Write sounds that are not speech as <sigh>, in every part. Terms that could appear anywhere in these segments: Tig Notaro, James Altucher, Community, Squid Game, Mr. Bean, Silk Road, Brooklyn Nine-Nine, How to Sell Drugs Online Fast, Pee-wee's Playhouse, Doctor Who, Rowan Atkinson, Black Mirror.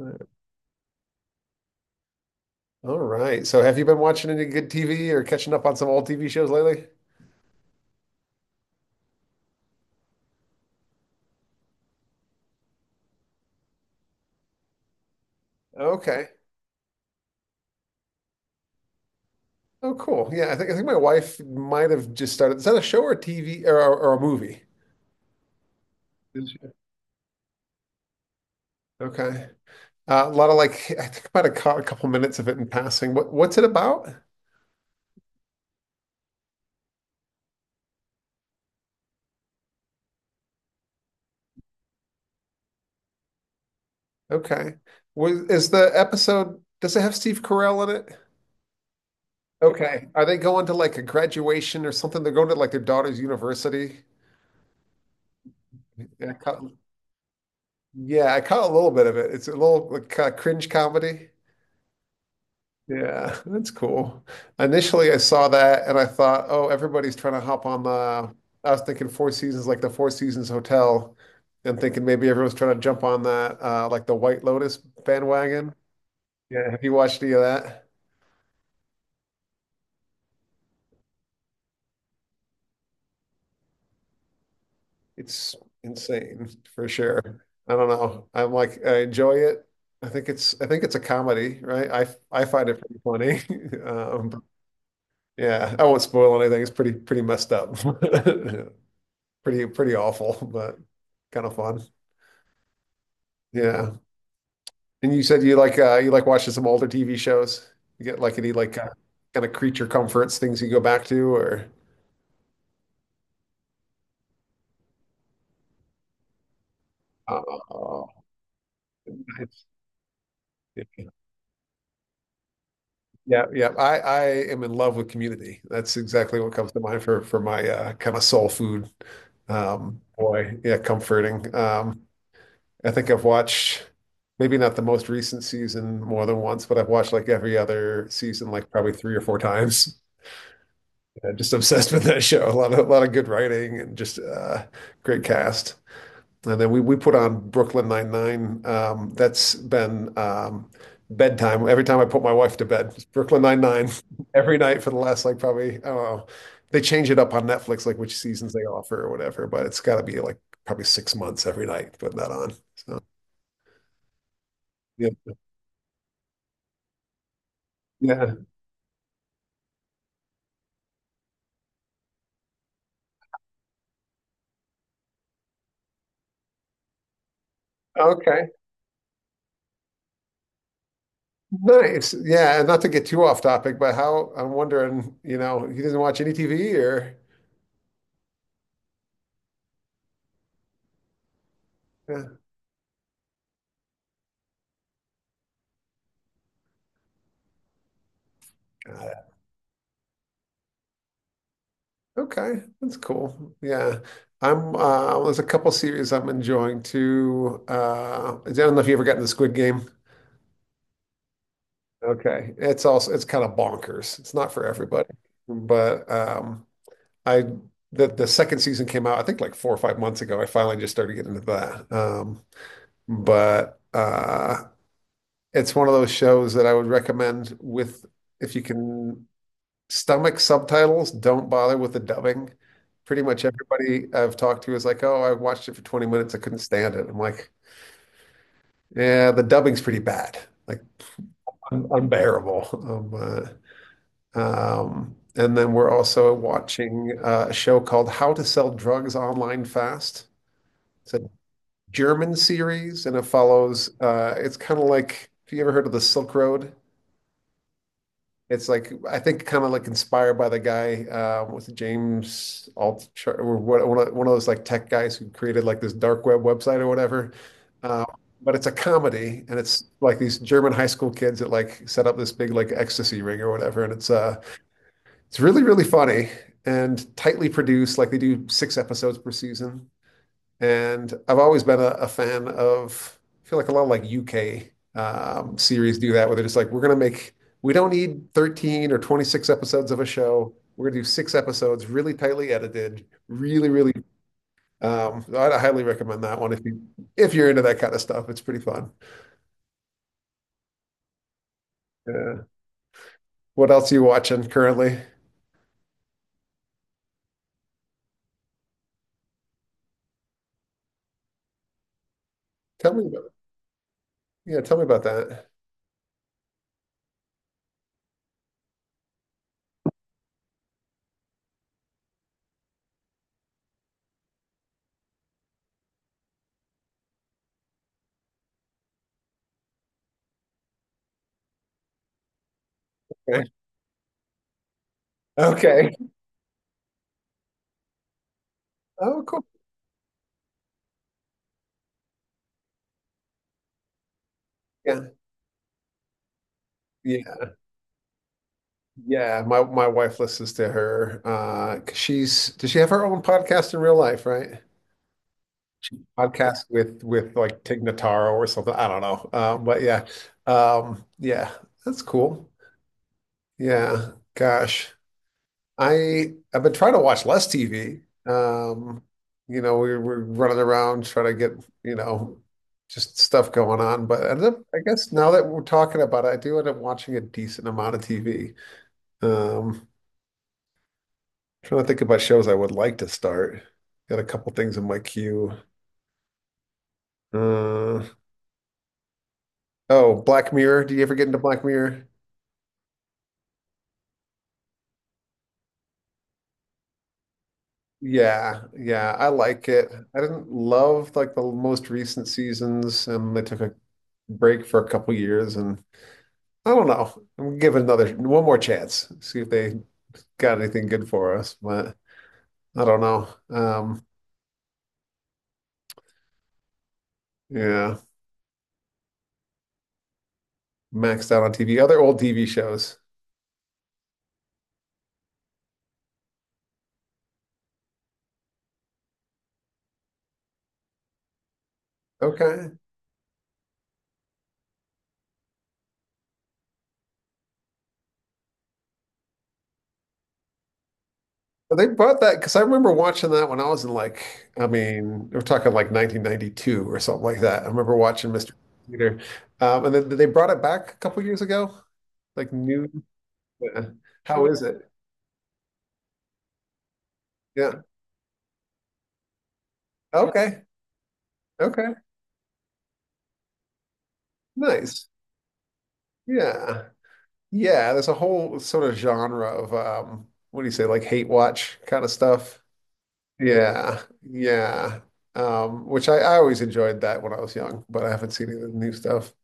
All right. So have you been watching any good TV or catching up on some old TV shows lately? Okay. Oh, cool. Yeah, I think my wife might have just started. Is that a show or a TV or a movie? Is she? Okay. A lot of like I think about a couple minutes of it in passing. What's it about? Okay. Was is the episode, does it have Steve Carell in it? Okay. Are they going to like a graduation or something? They're going to like their daughter's university. Yeah, I caught, yeah, I caught a little bit of it. It's a little like cringe comedy. Yeah, that's cool. Initially, I saw that and I thought, oh, everybody's trying to hop on the. I was thinking Four Seasons, like the Four Seasons Hotel, and thinking maybe everyone's trying to jump on that, like the White Lotus bandwagon. Yeah, have you watched any of that? It's insane for sure. I don't know. I'm like, I enjoy it. I think it's a comedy, right? I find it pretty funny. <laughs> Um, yeah, I won't spoil anything. It's pretty, pretty messed up. <laughs> pretty pretty awful, <laughs> but kind of fun. Yeah. And you said you like watching some older TV shows. You get like any like kind of creature comforts, things you go back to or. Oh, nice. Yeah, yeah. I am in love with Community. That's exactly what comes to mind for my kind of soul food. Boy, yeah, comforting. I think I've watched maybe not the most recent season more than once, but I've watched like every other season like probably three or four times. I'm just obsessed with that show. A lot of good writing and just great cast. And then we put on Brooklyn Nine-Nine. That's been bedtime. Every time I put my wife to bed, it's Brooklyn Nine-Nine <laughs> every night for the last like probably I don't know. They change it up on Netflix, like which seasons they offer or whatever. But it's got to be like probably 6 months every night putting that on. So yeah, yeah, okay, nice. Yeah, and not to get too off topic, but how I'm wondering, you know, he doesn't watch any TV or. Yeah. Uh, Okay, that's cool. Yeah. I'm there's a couple series I'm enjoying too. I don't know if you ever got into the Squid Game. Okay. It's also, it's kind of bonkers. It's not for everybody. But I the second season came out I think like 4 or 5 months ago. I finally just started getting into that. But it's one of those shows that I would recommend with, if you can stomach subtitles, don't bother with the dubbing. Pretty much everybody I've talked to is like, "Oh, I watched it for 20 minutes. I couldn't stand it." I'm like, "Yeah, the dubbing's pretty bad, like un unbearable." <laughs> Um, and then we're also watching a show called How to Sell Drugs Online Fast. It's a German series, and it follows. It's kind of like, have you ever heard of the Silk Road? It's like I think kind of like inspired by the guy with James Altucher or what, one of those like tech guys who created like this dark web website or whatever. Uh, but it's a comedy, and it's like these German high school kids that like set up this big like ecstasy ring or whatever, and it's really really funny and tightly produced. Like they do six episodes per season. And I've always been a fan of, I feel like a lot of like UK series do that, where they're just like, we're going to make, we don't need 13 or 26 episodes of a show. We're going to do six episodes, really tightly edited, really, really. I highly recommend that one if you're into that kind of stuff. It's pretty fun. Yeah. What else are you watching currently? Tell me about, it. Yeah, tell me about that. <laughs> Okay. Okay. Oh, cool. Yeah. Yeah. Yeah, my wife listens to her. 'Cause she's does she have her own podcast in real life, right? Podcast with like Tig Notaro or something. I don't know. Yeah, that's cool. Yeah, gosh, I've been trying to watch less TV. You know, we're running around trying to get you know just stuff going on. But I, don't- I guess now that we're talking about it, I do end up watching a decent amount of TV. Um, Trying to think about shows I would like to start. Got a couple things in my queue. Uh, oh, Black Mirror. Did you ever get into Black Mirror? Yeah, yeah, I like it. I didn't love like the most recent seasons, and they took a break for a couple years, and I don't know. I'm gonna give it another one more chance, see if they got anything good for us. But I don't know. Yeah, maxed out on TV. Other old TV shows. Okay. They bought that because I remember watching that when I was in like, I mean, we're talking like 1992 or something like that. I remember watching Mr. Peter. And then they brought it back a couple years ago, like new. Yeah. How is it? Yeah. Okay. Okay. Nice. Yeah. Yeah. There's a whole sort of genre of, what do you say, like hate watch kind of stuff. Yeah. Yeah. Which I always enjoyed that when I was young, but I haven't seen any of the new stuff.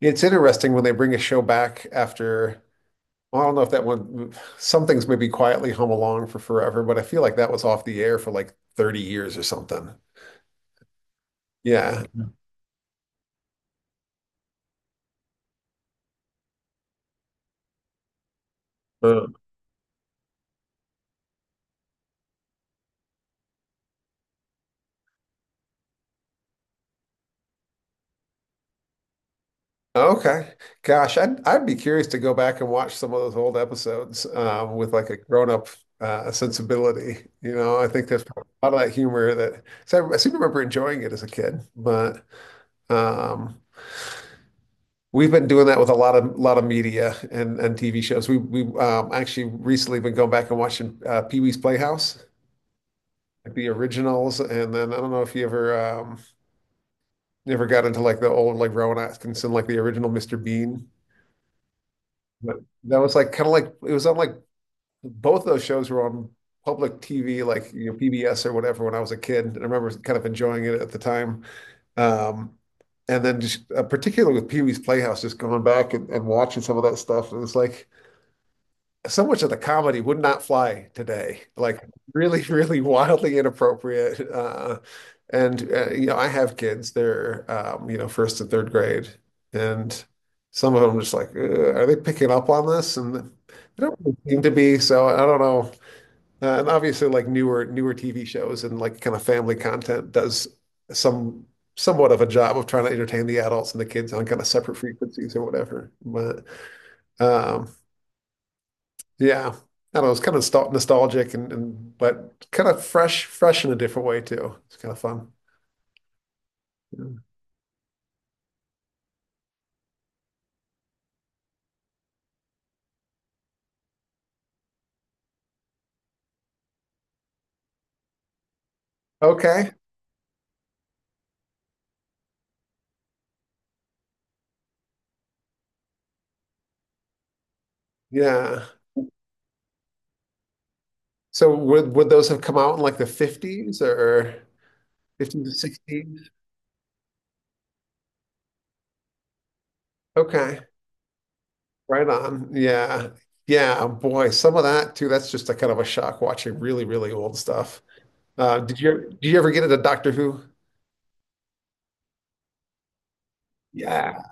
It's interesting when they bring a show back after, well, I don't know if that one, some things maybe quietly hum along for forever, but I feel like that was off the air for like 30 years or something. Yeah. Uh, Okay. Gosh, I'd be curious to go back and watch some of those old episodes with like a grown-up sensibility. You know, I think there's a lot of that humor that so I seem to remember enjoying it as a kid, but um, we've been doing that with a lot of media and TV shows. We've actually recently been going back and watching Pee-wee's Playhouse, like the originals. And then I don't know if you ever got into like the old like Rowan Atkinson, like the original Mr. Bean. But that was like kind of like it was on like both those shows were on public TV, like you know PBS or whatever when I was a kid. And I remember kind of enjoying it at the time. Um, And then just particularly with Pee-wee's Playhouse, just going back and watching some of that stuff. And it's like so much of the comedy would not fly today. Like really, <laughs> really wildly inappropriate. And you know, I have kids. They're first and third grade, and some of them just like, are they picking up on this?" And they don't really seem to be. So I don't know. And obviously, like newer TV shows and like kind of family content does some somewhat of a job of trying to entertain the adults and the kids on kind of separate frequencies or whatever. But um, yeah. I don't know. It's kind of nostalgic and but kind of fresh, fresh in a different way too. It's kind of fun. Yeah. Okay. Yeah. So would those have come out in like the 50s or 50s to 60s? Okay. Right on. Yeah. Yeah, boy, some of that too. That's just a kind of a shock watching really, really old stuff. Did you ever get into Doctor Who? Yeah.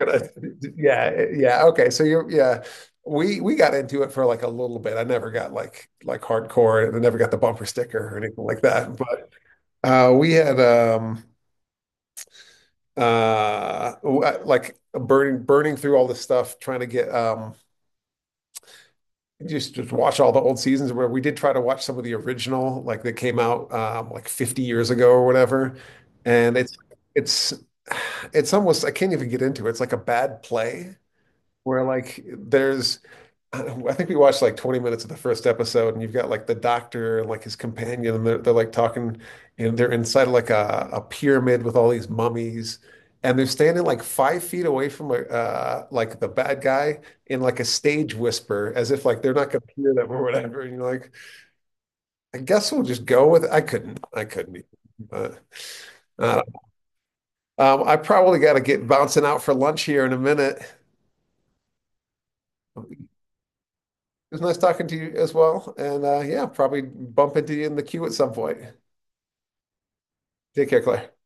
<laughs> yeah, yeah. Okay, so you're yeah. We got into it for like a little bit. I never got like hardcore. And I never got the bumper sticker or anything like that. But we had like burning through all this stuff, trying to get just watch all the old seasons. Where we did try to watch some of the original, like that came out like 50 years ago or whatever. And it's it's almost I can't even get into it. It's like a bad play where like there's I don't know, I think we watched like 20 minutes of the first episode, and you've got like the doctor and like his companion, and they're like talking, and they're inside of like a pyramid with all these mummies, and they're standing like 5 feet away from like the bad guy in like a stage whisper, as if like they're not going to hear them or whatever. And you're like, I guess we'll just go with it. I couldn't even. But uh, I probably got to get bouncing out for lunch here in a minute. It was nice talking to you as well, and yeah, probably bump into you in the queue at some point. Take care, Claire.